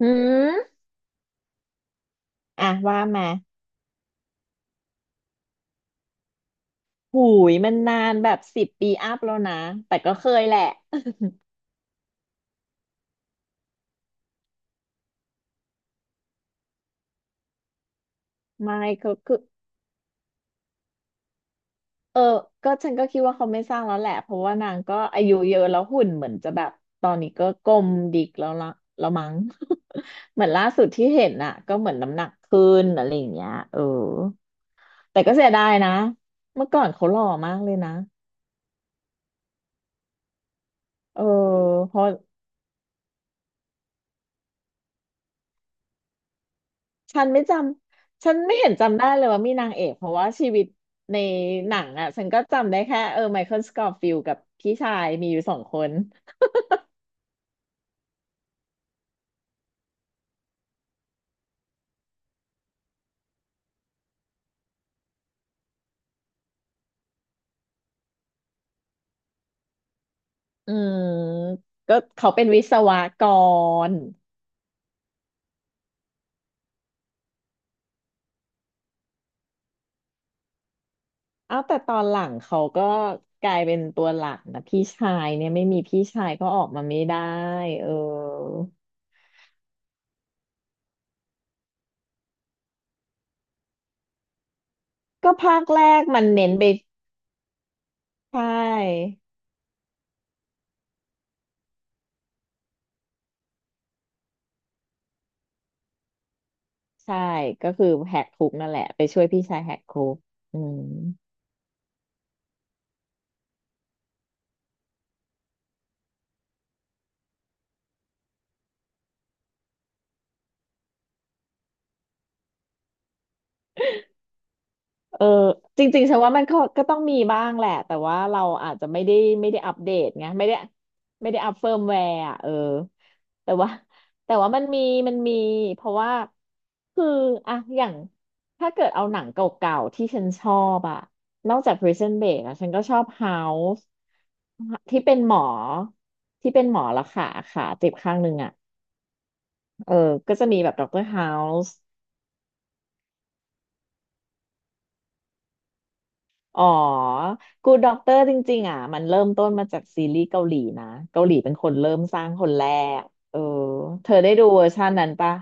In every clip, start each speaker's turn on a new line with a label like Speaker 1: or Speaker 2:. Speaker 1: อืมอ่ะว่ามาหูยมันนานแบบ10 ปีอัพแล้วนะแต่ก็เคยแหละไม่ก็คือเออก็ฉันก็คิดว่าเขาไม่สร้างแล้วแหละเพราะว่านางก็อายุเยอะแล้วหุ่นเหมือนจะแบบตอนนี้ก็กลมดิกแล้วละแล้วมั้ง เหมือนล่าสุดที่เห็นน่ะก็เหมือนน้ำหนักขึ้นอะไรอย่างเงี้ยเออแต่ก็เสียดายนะเมื่อก่อนเขาหล่อมากเลยนะเออพอ ฉันไม่จฉันไม่เห็นจำได้เลยว่ามีนางเอกเพราะว่าชีวิตในหนังอ่ะฉันก็จำได้แค่เออไมเคิลสกอ f ฟิลกับพี่ชายมีอยู่สองคนอืมก็เขาเป็นวิศวกรเอ้าแต่ตอนหลังเขาก็กลายเป็นตัวหลักนะพี่ชายเนี่ยไม่มีพี่ชายก็ออกมาไม่ได้เออก็ภาคแรกมันเน้นไปใช่ใช่ก็คือแหกคุกนั่นแหละไปช่วยพี่ชายแหกคุกอืม เออจริงๆฉันว่ามันก็ก็ต้องมีบ้างแหละแต่ว่าเราอาจจะไม่ได้ไม่ได้อัปเดตไงไม่ได้ไม่ได้อัปเฟิร์มแวร์อ่ะเออแต่ว่าแต่ว่ามันมีเพราะว่าคืออะอย่างถ้าเกิดเอาหนังเก่าๆที่ฉันชอบอะนอกจาก Prison Break อะฉันก็ชอบ House ที่เป็นหมอที่เป็นหมอละค่ะขาเจ็บข้างหนึงอะเออก็จะมีแบบ d เตอร r House อ๋อ Good Doctor จริงๆอ่ะ มันเริ่มต้นมาจากซีรีส์เกาหลีนะ เกาหลีเป็นคนเริ่มสร้างคนแรกเออเธอได้ดูเวอร์ชันนั้นปะ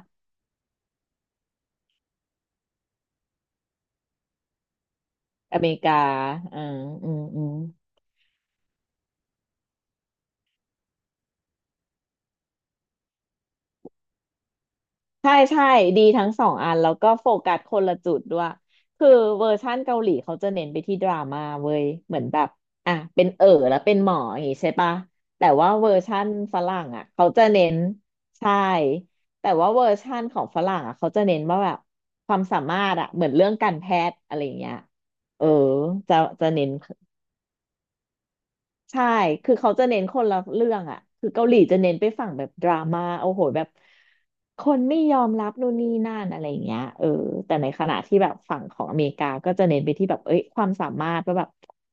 Speaker 1: อเมริกาอืมอืมอืม ใช่ใช่ดีทั้งสองอันแล้วก็โฟกัสคนละจุดด้วยคือเวอร์ชั่นเกาหลีเขาจะเน้นไปที่ดราม่าเว้ยเหมือนแบบอ่ะเป็นเอ๋อแล้วเป็นหมออย่างงี้ใช่ปะแต่ว่าเวอร์ชั่นฝรั่งอ่ะเขาจะเน้นใช่แต่ว่าเวอร์ชั่นของฝรั่งอ่ะเขาจะเน้นว่าแบบความสามารถอ่ะเหมือนเรื่องการแพทย์อะไรอย่างเงี้ยเออจะจะเน้น ใช่ คือเขาจะเน้นคนละเรื่องอ่ะคือเกาหลีจะเน้นไปฝั่งแบบดราม่าโอ้โหแบบคนไม่ยอมรับนู่นนี่นั่นอะไรอย่างเงี้ยเออแต่ในขณะที่แบบฝั่งของอเมริกาก็จะเน้นไปที่แบบเอ้ยความสามารถว่าแบบ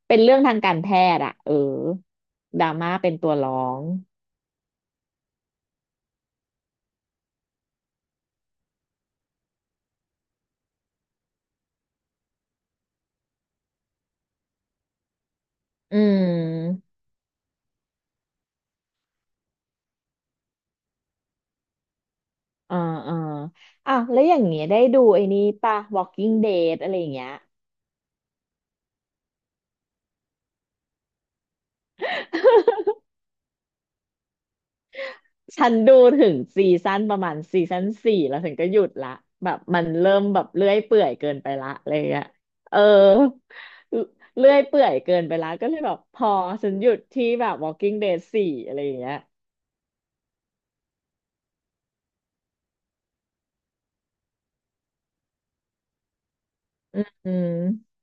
Speaker 1: เป็นเรื่องทางการแพทย์อ่ะเออดราม่าเป็นตัวร้องอืมอ่าอ่าอ่ะแล้วอย่างเงี้ยได้ดูไอ้นี่ป่ะ Walking Dead อะไรอย่างเงี้ย ฉันดูถึงซีซั่นประมาณซีซั่นสี่แล้วถึงก็หยุดละแบบมันเริ่มแบบเลื่อยเปื่อยเกินไปละอะไรอย่างเงี้ยเออเลื่อยเปื่อยเกินไปละก็เลยแบบพอฉันหยุดที่แบบ Walking Dead สี่อะไรอย่างเงี้ยอืม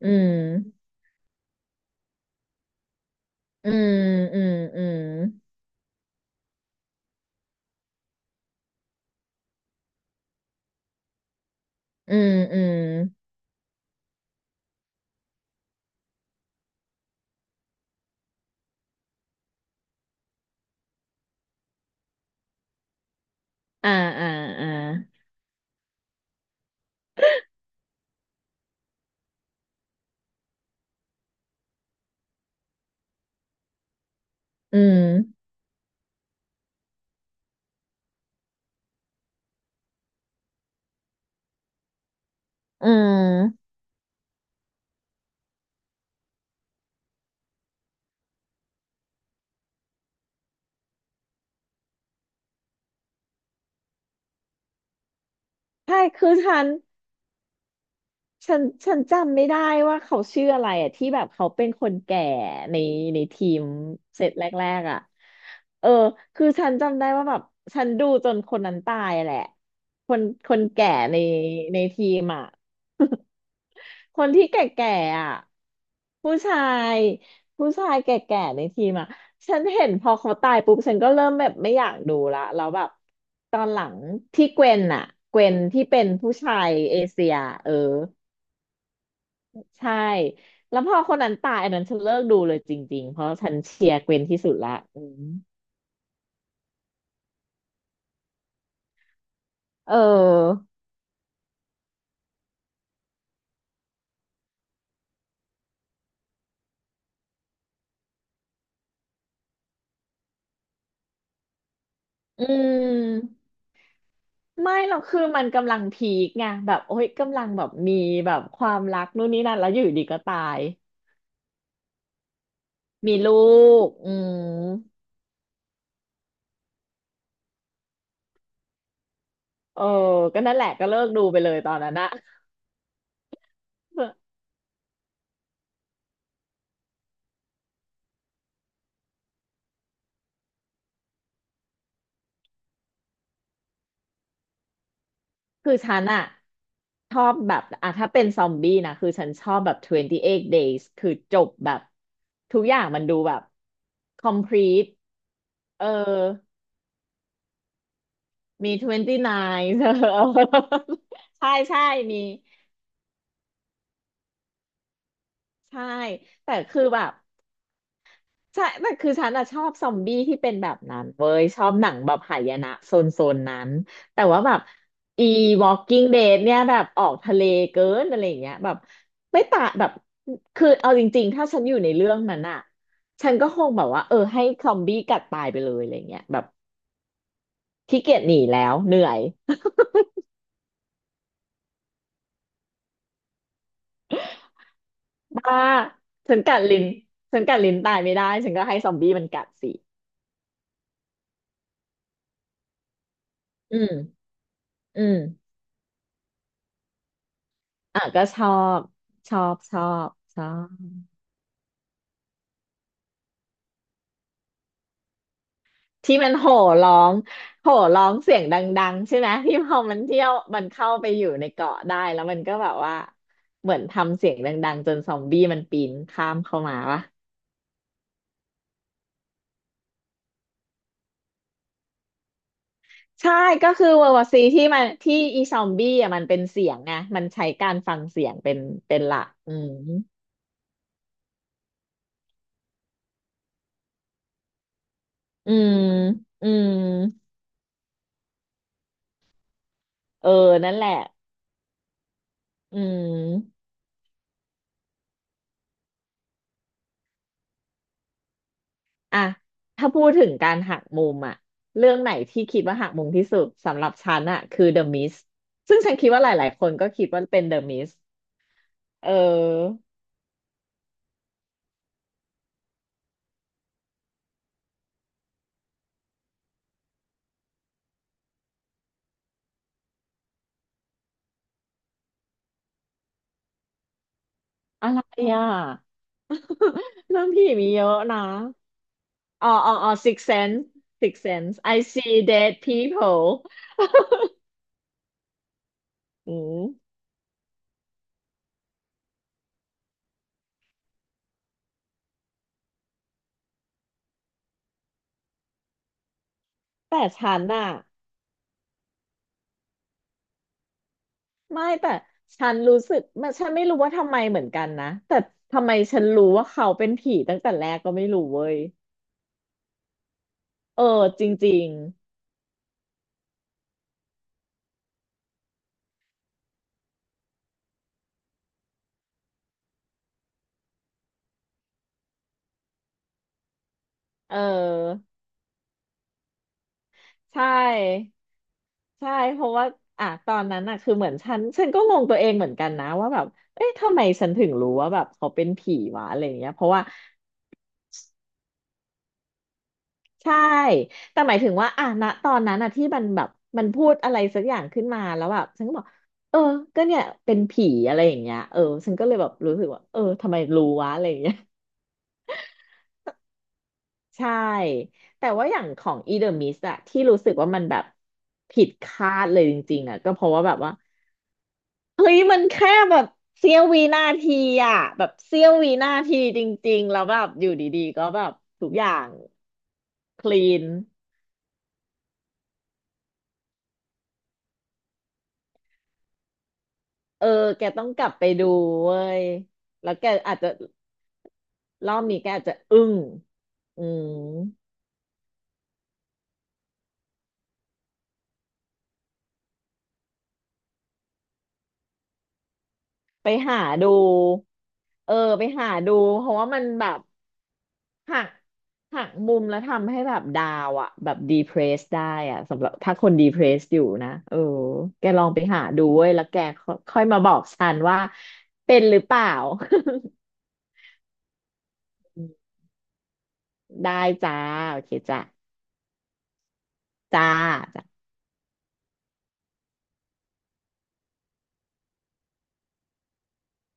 Speaker 1: อืมอืมอืมอืมอืมอืมอ่าอ่าอ่าอืมอืมใช่คือฉัน ฉันจำไม่ได้ว่าเขาชื่ออะไรอ่ะที่แบบเขาเป็นคนแก่ในในทีมเซตแรกๆอ่ะเออคือฉันจำได้ว่าแบบฉันดูจนคนนั้นตายแหละคนคนแก่ในในทีมอ่ะ คนที่แก่ๆอ่ะผู้ชายผู้ชายแก่ๆในทีมอ่ะฉันเห็นพอเขาตายปุ๊บฉันก็เริ่มแบบไม่อยากดูละแล้วแบบตอนหลังที่เกวนอ่ะเกวนที่เป็นผู้ชายเอเชียเออ ใช่แล้วพอคนนั้นตายอันนั้นฉันเลิกดูเลยจริงๆเพราะฉันเชียร์เกวนที่สุดละอืมเอออืมไม่หรอกคือมันกำลังพีคไงแบบโอ้ยกำลังแบบมีแบบความรักนู่นนี่นั่นแล้วอยู่ดีก็ตายมีลูกอืมเออก็นั่นแหละก็เลิกดูไปเลยตอนนั้นนะ คือฉันอะชอบแบบอะถ้าเป็นซอมบี้นะคือฉันชอบแบบ28 days คือจบแบบทุกอย่างมันดูแบบ complete เออ มี29เก้าเธอเอ อใช่ใช่มีใช่แต่คือแบบใช่แต่คือฉันอะชอบซอมบี้ที่เป็นแบบนั้นเว้ยชอบหนังแบบหายนะโซนนั้น แต่ว่าแบบอี Walking Dead เนี่ยแบบออกทะเลเกินอะไรอย่างเงี้ยแบบไม่ตาแบบ คือเอาจริงๆถ้าฉันอยู่ในเรื่องนั้นอะฉันก็คงแบบว่าเออให้ซอมบี้กัดตายไปเลยอะไรเงี้ยแบบขี้เกียจหนีแล้วเหนื่อย อ่าฉันกัดลิ้นฉันกัดลิ้นตายไม่ได้ฉันก็ให้ซอมบี้มันกัดสิอืมอืมอ่ะก็ชอบชอบชอบชอบที่มันโห่ร้องโห่ร้องเสียงดังๆใช่ไหมที่พอมันเที่ยวมันเข้าไปอยู่ในเกาะได้แล้วมันก็แบบว่าเหมือนทำเสียงดังๆจนซอมบี้มันปีนข้ามเข้ามาวะใช่ก็คือเวอร์วซีที่มันที่อีซอมบี้อ่ะมันเป็นเสียงไงมันใช้การฟังเสียงเป็นเป็นหลักอืมอืมอืม เออนั่นแหละ อืมอ่ะถ้าพูดถึงการหักมุมอะเรื่องไหนที่คิดว่าหักมุมที่สุดสำหรับฉันอะคือ The Mist ซึ่งฉันคิดว่าหลายๆคนก็คิดว่าเป็น The Mist เอออะไรอ่ะ เรื่องผีมีเยอะนะอ๋ออ๋ออ๋อ Six Sense Six Sense I see dead people อืม แต่ฉันอะไม่แต่ฉันรู้สึกมันไม่รู้ว่าทำไมเหมือนกันนะแต่ทำไมฉันรู้ว่าเขาเป็นผีตั้งแต่แรกก็ไม่รู้เว้ย เออจริงๆเออใช่ใช่เพราะว่าอ่ะตอนนั้นอ่ะคือเหมือนฉันก็งงตัวเองเหมือนกันนะว่าแบบเอ๊ะทำไมฉันถึงรู้ว่าแบบเขาเป็นผีวะอะไรอย่างเงี้ยเพราะว่าใช่แต่หมายถึงว่าอ่ะณตอนนั้นอ่ะที่มันแบบมันพูดอะไรสักอย่างขึ้นมาแล้วแบบฉันก็บอกเออก็เนี่ยเป็นผีอะไรอย่างเงี้ยเออฉันก็เลยแบบรู้สึกว่าเออทำไมรู้วะอะไรอย่างเงี้ย ใช่แต่ว่าอย่างของ e the m ม s สต์อะที่รู้สึกว่ามันแบบผิดคาดเลยจริงๆอะก็เพราะว่าแบบว่าเฮ้ยมันแค่แบบเสี้ยววินาทีอะแบบเสี้ยววินาทีจริงๆแล้วแบบอยู่ดีๆก็แบบทุกอย่างคลีนเออแกต้องกลับไปดูเว้ยแล้วแกอาจจะรอบนี้แกอาจจะอึ้งอืมไปหาดูเออไปหาดูเพราะว่ามันแบบ หักหักมุมแล้วทำให้แบบดาวอ่ะแบบดีเพรสได้อ่ะสำหรับถ้าคนดีเพรสอยู่นะเออแกลองไปหาดูเว้ยแล้วแกค่อยค่อยมาบอกฉันว่าเป็นหรือเปล่า ได้จ้าโอเคจ้าจ้าจ้า